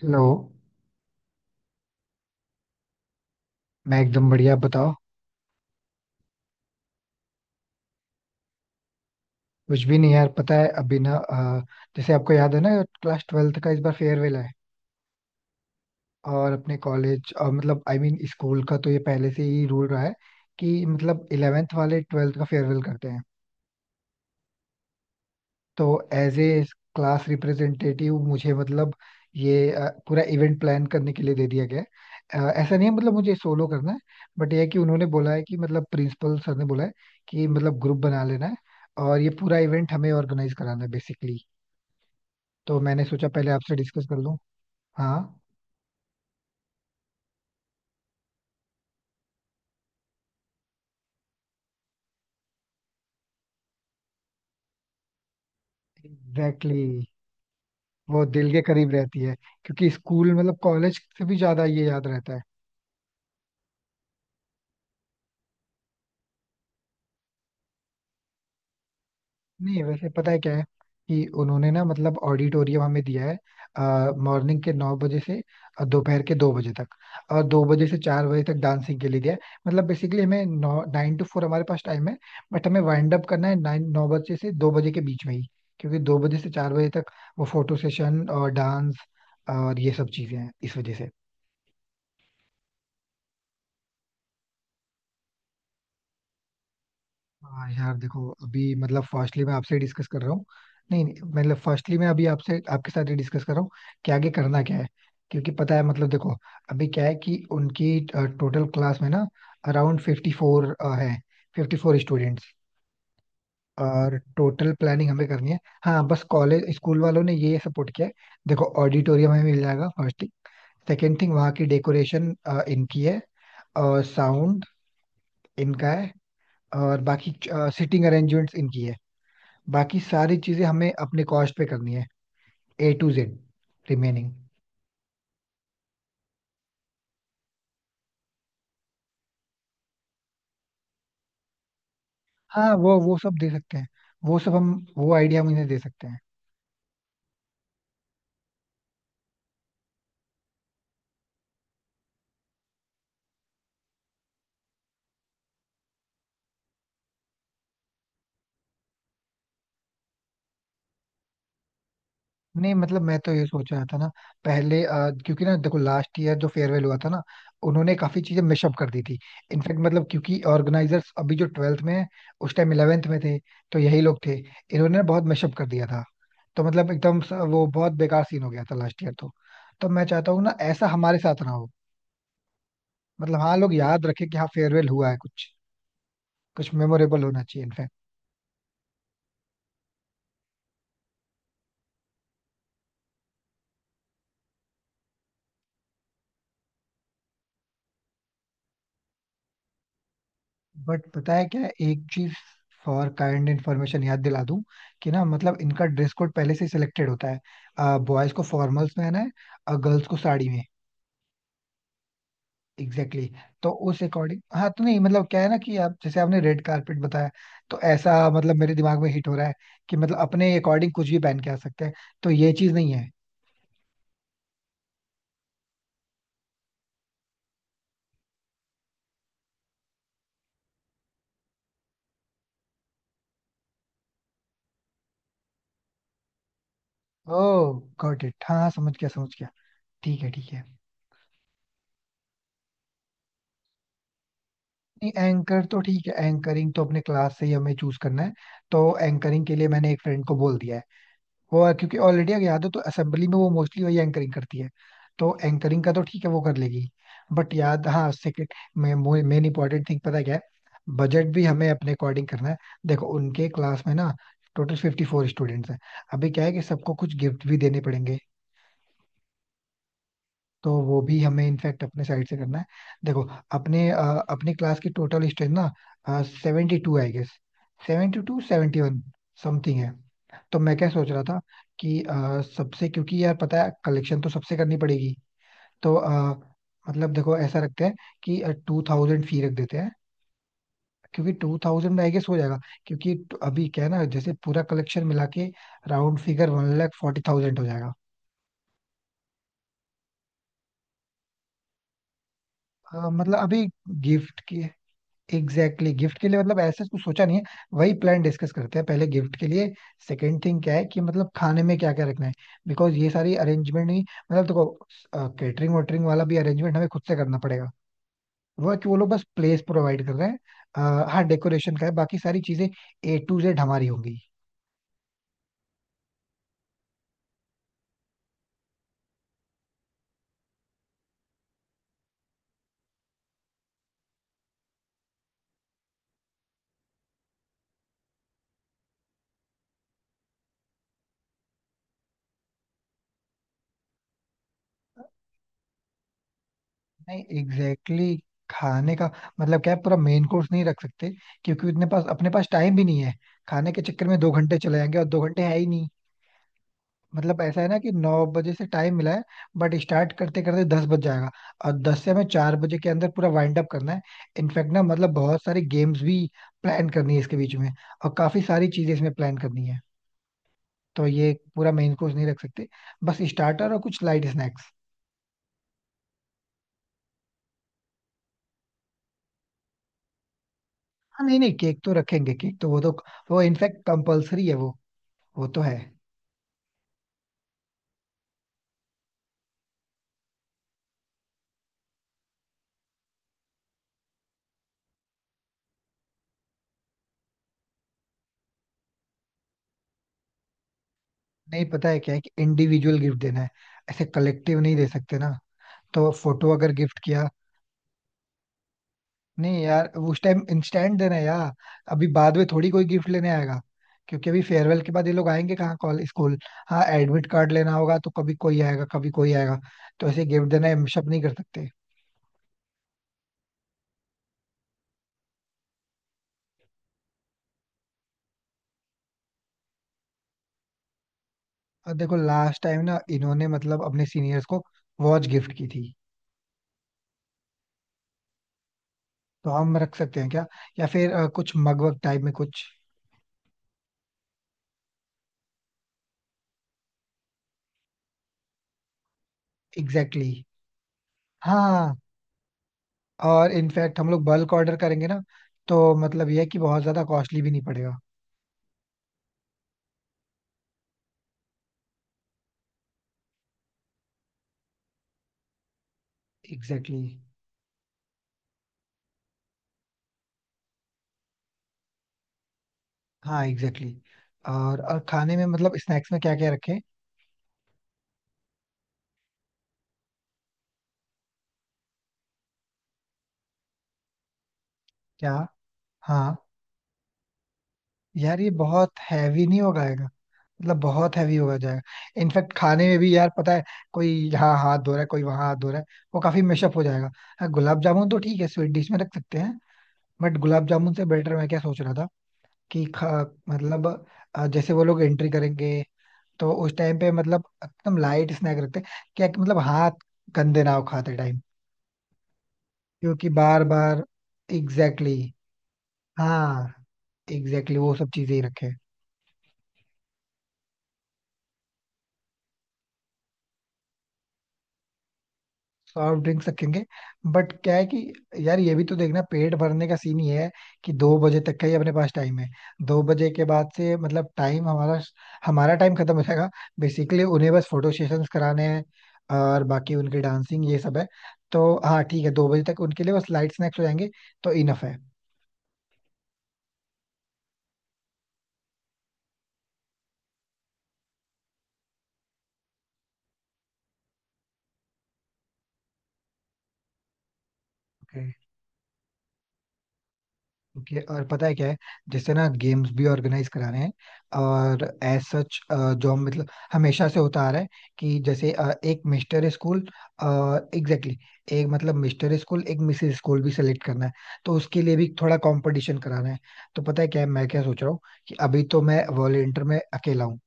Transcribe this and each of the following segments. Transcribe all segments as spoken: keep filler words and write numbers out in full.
Hello. मैं एकदम बढ़िया. बताओ, कुछ भी नहीं यार. पता है अभी ना, अ, जैसे आपको याद है ना, क्लास ट्वेल्थ का इस बार फेयरवेल है. और अपने कॉलेज और मतलब I I mean mean, school का तो ये पहले से ही रूल रहा है कि मतलब इलेवेंथ वाले ट्वेल्थ का फेयरवेल करते हैं. तो एज ए क्लास रिप्रेजेंटेटिव मुझे मतलब ये अ, पूरा इवेंट प्लान करने के लिए दे दिया गया है. अ, ऐसा नहीं है मतलब मुझे सोलो करना है, बट ये है कि उन्होंने बोला है कि मतलब प्रिंसिपल सर ने बोला है कि मतलब ग्रुप बना लेना है. और ये पूरा इवेंट हमें ऑर्गेनाइज कराना है बेसिकली. तो मैंने सोचा पहले आपसे डिस्कस कर लूं. हाँ. Exactly exactly. वो दिल के करीब रहती है क्योंकि स्कूल मतलब कॉलेज से भी ज्यादा ये याद रहता है. नहीं, वैसे पता है क्या है, कि उन्होंने ना मतलब ऑडिटोरियम हमें दिया है मॉर्निंग के नौ बजे से अ, दोपहर के दो बजे तक. और दो बजे से चार बजे तक डांसिंग के लिए दिया है. मतलब बेसिकली हमें नौ नाइन टू फोर हमारे पास टाइम है. बट हमें वाइंड अप करना है नाइन नौ बजे से दो बजे के बीच में ही, क्योंकि दो बजे से चार बजे तक वो फोटो सेशन और डांस और ये सब चीजें हैं इस वजह से. हाँ यार देखो अभी मतलब फर्स्टली मैं आपसे डिस्कस कर रहा हूँ. नहीं नहीं, मतलब फर्स्टली मैं अभी आपसे आपके साथ डिस्कस कर रहा हूँ कि आगे करना क्या है. क्योंकि पता है मतलब देखो अभी क्या है कि उनकी टोटल क्लास में ना अराउंड फिफ्टी फोर है. Fifty four students. और टोटल प्लानिंग हमें करनी है. हाँ बस कॉलेज स्कूल वालों ने ये सपोर्ट किया है. देखो ऑडिटोरियम हमें मिल जाएगा फर्स्ट थिंग. सेकेंड थिंग वहाँ की डेकोरेशन इनकी है. और साउंड इनका है. और बाकी सिटिंग अरेंजमेंट्स इनकी है. बाकी सारी चीजें हमें अपने कॉस्ट पे करनी है, ए टू जेड रिमेनिंग. हाँ वो वो सब दे सकते हैं. वो सब हम वो आइडिया हम इन्हें दे सकते हैं. नहीं मतलब मैं तो ये सोच रहा था ना पहले, अ, क्योंकि ना देखो लास्ट ईयर जो फेयरवेल हुआ था ना उन्होंने काफी चीजें मिशअप कर दी थी. इनफैक्ट मतलब क्योंकि ऑर्गेनाइजर्स अभी जो ट्वेल्थ में है उस टाइम इलेवेंथ में थे, तो यही लोग थे. इन्होंने ना बहुत मिशअप कर दिया था. तो मतलब एकदम स- वो बहुत बेकार सीन हो गया था लास्ट ईयर तो. तो मैं चाहता हूँ ना ऐसा हमारे साथ ना हो. मतलब हाँ लोग याद रखे कि हाँ फेयरवेल हुआ है कुछ. कुछ मेमोरेबल होना चाहिए इनफैक्ट. बट पता है क्या, एक चीज फॉर काइंड इन्फॉर्मेशन याद दिला दूं, कि ना मतलब इनका ड्रेस कोड पहले से सिलेक्टेड होता है. बॉयज को फॉर्मल्स में है और गर्ल्स को साड़ी में. Exactly exactly. तो उस अकॉर्डिंग हाँ, तो नहीं मतलब क्या है ना कि आप जैसे आपने रेड कारपेट बताया, तो ऐसा मतलब मेरे दिमाग में हिट हो रहा है कि मतलब अपने अकॉर्डिंग कुछ भी पहन के आ सकते हैं. तो ये चीज नहीं है. Oh got it. हाँ हाँ, समझ गया समझ गया. ठीक है ठीक है. एंकर तो ठीक है. एंकरिंग तो अपने क्लास से ही हमें चूज करना है. तो एंकरिंग के लिए मैंने एक फ्रेंड को बोल दिया है. वो क्योंकि ऑलरेडी अगर याद हो तो असेंबली में वो मोस्टली वही एंकरिंग करती है. तो एंकरिंग का तो ठीक है. वो कर लेगी. बट याद हाँ, सेकेंड मेन इंपॉर्टेंट थिंग पता है क्या है, बजट भी हमें अपने अकॉर्डिंग करना है. देखो उनके क्लास में ना टोटल फिफ्टी फोर स्टूडेंट्स हैं. अभी क्या है कि सबको कुछ गिफ्ट भी देने पड़ेंगे. तो वो भी हमें इनफैक्ट अपने साइड से करना है. देखो अपने अ, अपनी क्लास की टोटल स्ट्रेंथ ना seventy two I guess. Seventy two seventy one something है. तो मैं क्या सोच रहा था कि अ, सबसे, क्योंकि यार पता है कलेक्शन तो सबसे करनी पड़ेगी. तो अ, मतलब देखो ऐसा रखते हैं कि टू थाउजेंड फी रख देते हैं, क्योंकि टू थाउजेंड में आई गेस हो जाएगा. क्योंकि ट- अभी क्या है ना जैसे पूरा कलेक्शन मिला के round figure one lakh forty thousand हो जाएगा. अ, मतलब अभी गिफ्ट की, एग्जैक्टली exactly. गिफ्ट के लिए मतलब ऐसे कुछ सोचा नहीं है. वही प्लान डिस्कस करते हैं पहले गिफ्ट के लिए. सेकंड थिंग क्या है कि मतलब खाने में क्या क्या रखना है. बिकॉज ये सारी अरेंजमेंट नहीं, मतलब देखो कैटरिंग वोटरिंग वाला भी अरेंजमेंट हमें खुद से करना पड़ेगा. वो है कि वो लोग बस प्लेस प्रोवाइड कर रहे हैं. अ, हाँ डेकोरेशन का है. बाकी सारी चीजें ए टू जेड हमारी होंगी. नहीं एग्जैक्टली exactly खाने का मतलब क्या है, पूरा मेन कोर्स नहीं रख सकते, क्योंकि इतने पास अपने पास टाइम भी नहीं है. खाने के चक्कर में दो घंटे चले जाएंगे और दो घंटे है ही नहीं. मतलब ऐसा है ना कि नौ बजे से टाइम मिला है, बट स्टार्ट करते करते दस बज जाएगा. और दस से हमें चार बजे के अंदर पूरा वाइंड अप करना है. इनफैक्ट ना मतलब बहुत सारी गेम्स भी प्लान करनी है इसके बीच में. और काफी सारी चीजें इसमें प्लान करनी है. तो ये पूरा मेन कोर्स नहीं रख सकते. बस स्टार्टर और कुछ लाइट स्नैक्स. हाँ नहीं नहीं, केक तो रखेंगे. केक तो वो तो वो इनफैक्ट कंपलसरी है वो. वो तो है. नहीं पता है क्या है कि इंडिविजुअल गिफ्ट देना है. ऐसे कलेक्टिव नहीं दे सकते ना. तो फोटो अगर गिफ्ट किया, नहीं यार, उस टाइम इंस्टेंट देना है यार. अभी बाद में थोड़ी कोई गिफ्ट लेने आएगा. क्योंकि अभी फेयरवेल के बाद ये लोग आएंगे कहाँ कॉलेज स्कूल. हाँ एडमिट कार्ड लेना होगा तो कभी कोई आएगा कभी कोई आएगा. तो ऐसे गिफ्ट देना हम शप नहीं कर सकते. और देखो लास्ट टाइम ना इन्होंने मतलब अपने सीनियर्स को वॉच गिफ्ट की थी. तो हम रख सकते हैं क्या, या फिर अ, कुछ मग वग टाइप में कुछ. Exactly exactly. हाँ. और इनफैक्ट हम लोग बल्क ऑर्डर करेंगे ना, तो मतलब ये है कि बहुत ज्यादा कॉस्टली भी नहीं पड़ेगा. एग्जैक्टली. हाँ एग्जैक्टली exactly. और और खाने में मतलब स्नैक्स में क्या क्या रखें. क्या. हाँ यार ये बहुत हैवी नहीं होगा आएगा, मतलब बहुत हैवी होगा जाएगा. इनफैक्ट खाने में भी यार पता है कोई यहाँ हाथ धो रहा है कोई वहां हाथ धो रहा है, वो काफी मेशअप हो जाएगा. हाँ गुलाब जामुन तो ठीक है, स्वीट डिश में रख सकते हैं. बट गुलाब जामुन से बेटर मैं क्या सोच रहा था, कि खा मतलब अ, जैसे वो लोग एंट्री करेंगे तो उस टाइम पे मतलब एकदम लाइट स्नैक रखते हैं क्या, कि मतलब हाथ गंदे ना हो खाते टाइम. क्योंकि बार बार, एग्जैक्टली. हाँ एग्जैक्टली exactly, वो सब चीजें ही रखे. सॉफ्ट ड्रिंक्स रखेंगे, बट क्या है कि यार ये भी तो देखना, पेट भरने का सीन ही है कि दो बजे तक का ही अपने पास टाइम है. दो बजे के बाद से मतलब टाइम हमारा हमारा टाइम खत्म हो जाएगा. बेसिकली उन्हें बस फोटो सेशंस कराने हैं और बाकी उनकी डांसिंग ये सब है. तो हाँ ठीक है, दो बजे तक उनके लिए बस लाइट स्नैक्स हो जाएंगे. तो इनफ है. ओके, और पता है क्या है, जैसे ना गेम्स भी ऑर्गेनाइज करा रहे हैं और एज सच जो मतलब हमेशा से होता आ रहा है, कि जैसे अ, एक मिस्टर स्कूल. एग्जैक्टली. एक मतलब मिस्टर स्कूल एक मिसेस स्कूल भी सेलेक्ट करना है. तो उसके लिए भी थोड़ा कंपटीशन कराना है. तो पता है क्या है, मैं क्या सोच रहा हूँ कि अभी तो मैं वॉलेंटियर में अकेला हूँ.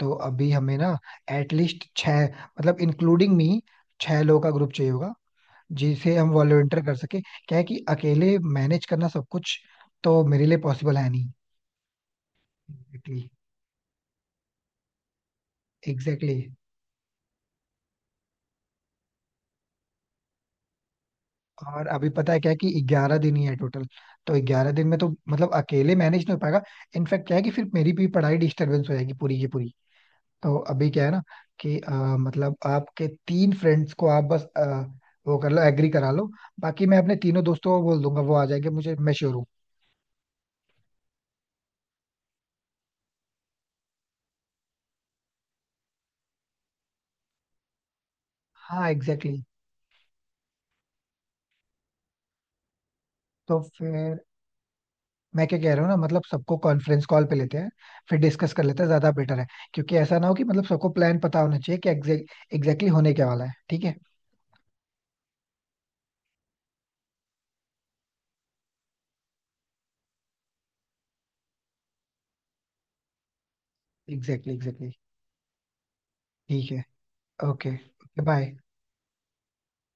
तो अभी हमें ना एटलीस्ट छः मतलब इंक्लूडिंग मी, छह लोगों का ग्रुप चाहिए होगा जिसे हम वॉलंटियर कर सके. क्या है कि अकेले मैनेज करना सब कुछ, तो मेरे लिए पॉसिबल है नहीं. Exactly exactly. और अभी पता है क्या है कि ग्यारह दिन ही है टोटल. तो ग्यारह दिन में तो मतलब अकेले मैनेज नहीं हो पाएगा. इनफैक्ट क्या है कि फिर मेरी भी पढ़ाई डिस्टरबेंस हो जाएगी पूरी की पूरी. तो अभी क्या है ना, कि अ, मतलब आपके तीन फ्रेंड्स को आप बस अ, वो कर लो, एग्री करा लो. बाकी मैं अपने तीनों दोस्तों को बोल दूंगा वो आ जाएंगे मुझे, मैं श्योर हूँ. हाँ एग्जैक्टली exactly. तो फिर मैं क्या कह रहा हूँ ना, मतलब सबको कॉन्फ्रेंस कॉल पे लेते हैं फिर डिस्कस कर लेते हैं, ज्यादा बेटर है. क्योंकि ऐसा ना हो कि मतलब सबको प्लान पता होना चाहिए कि एग्जैक्टली होने क्या वाला है. ठीक है. Exactly exactly. ठीक है. ओके. बाय.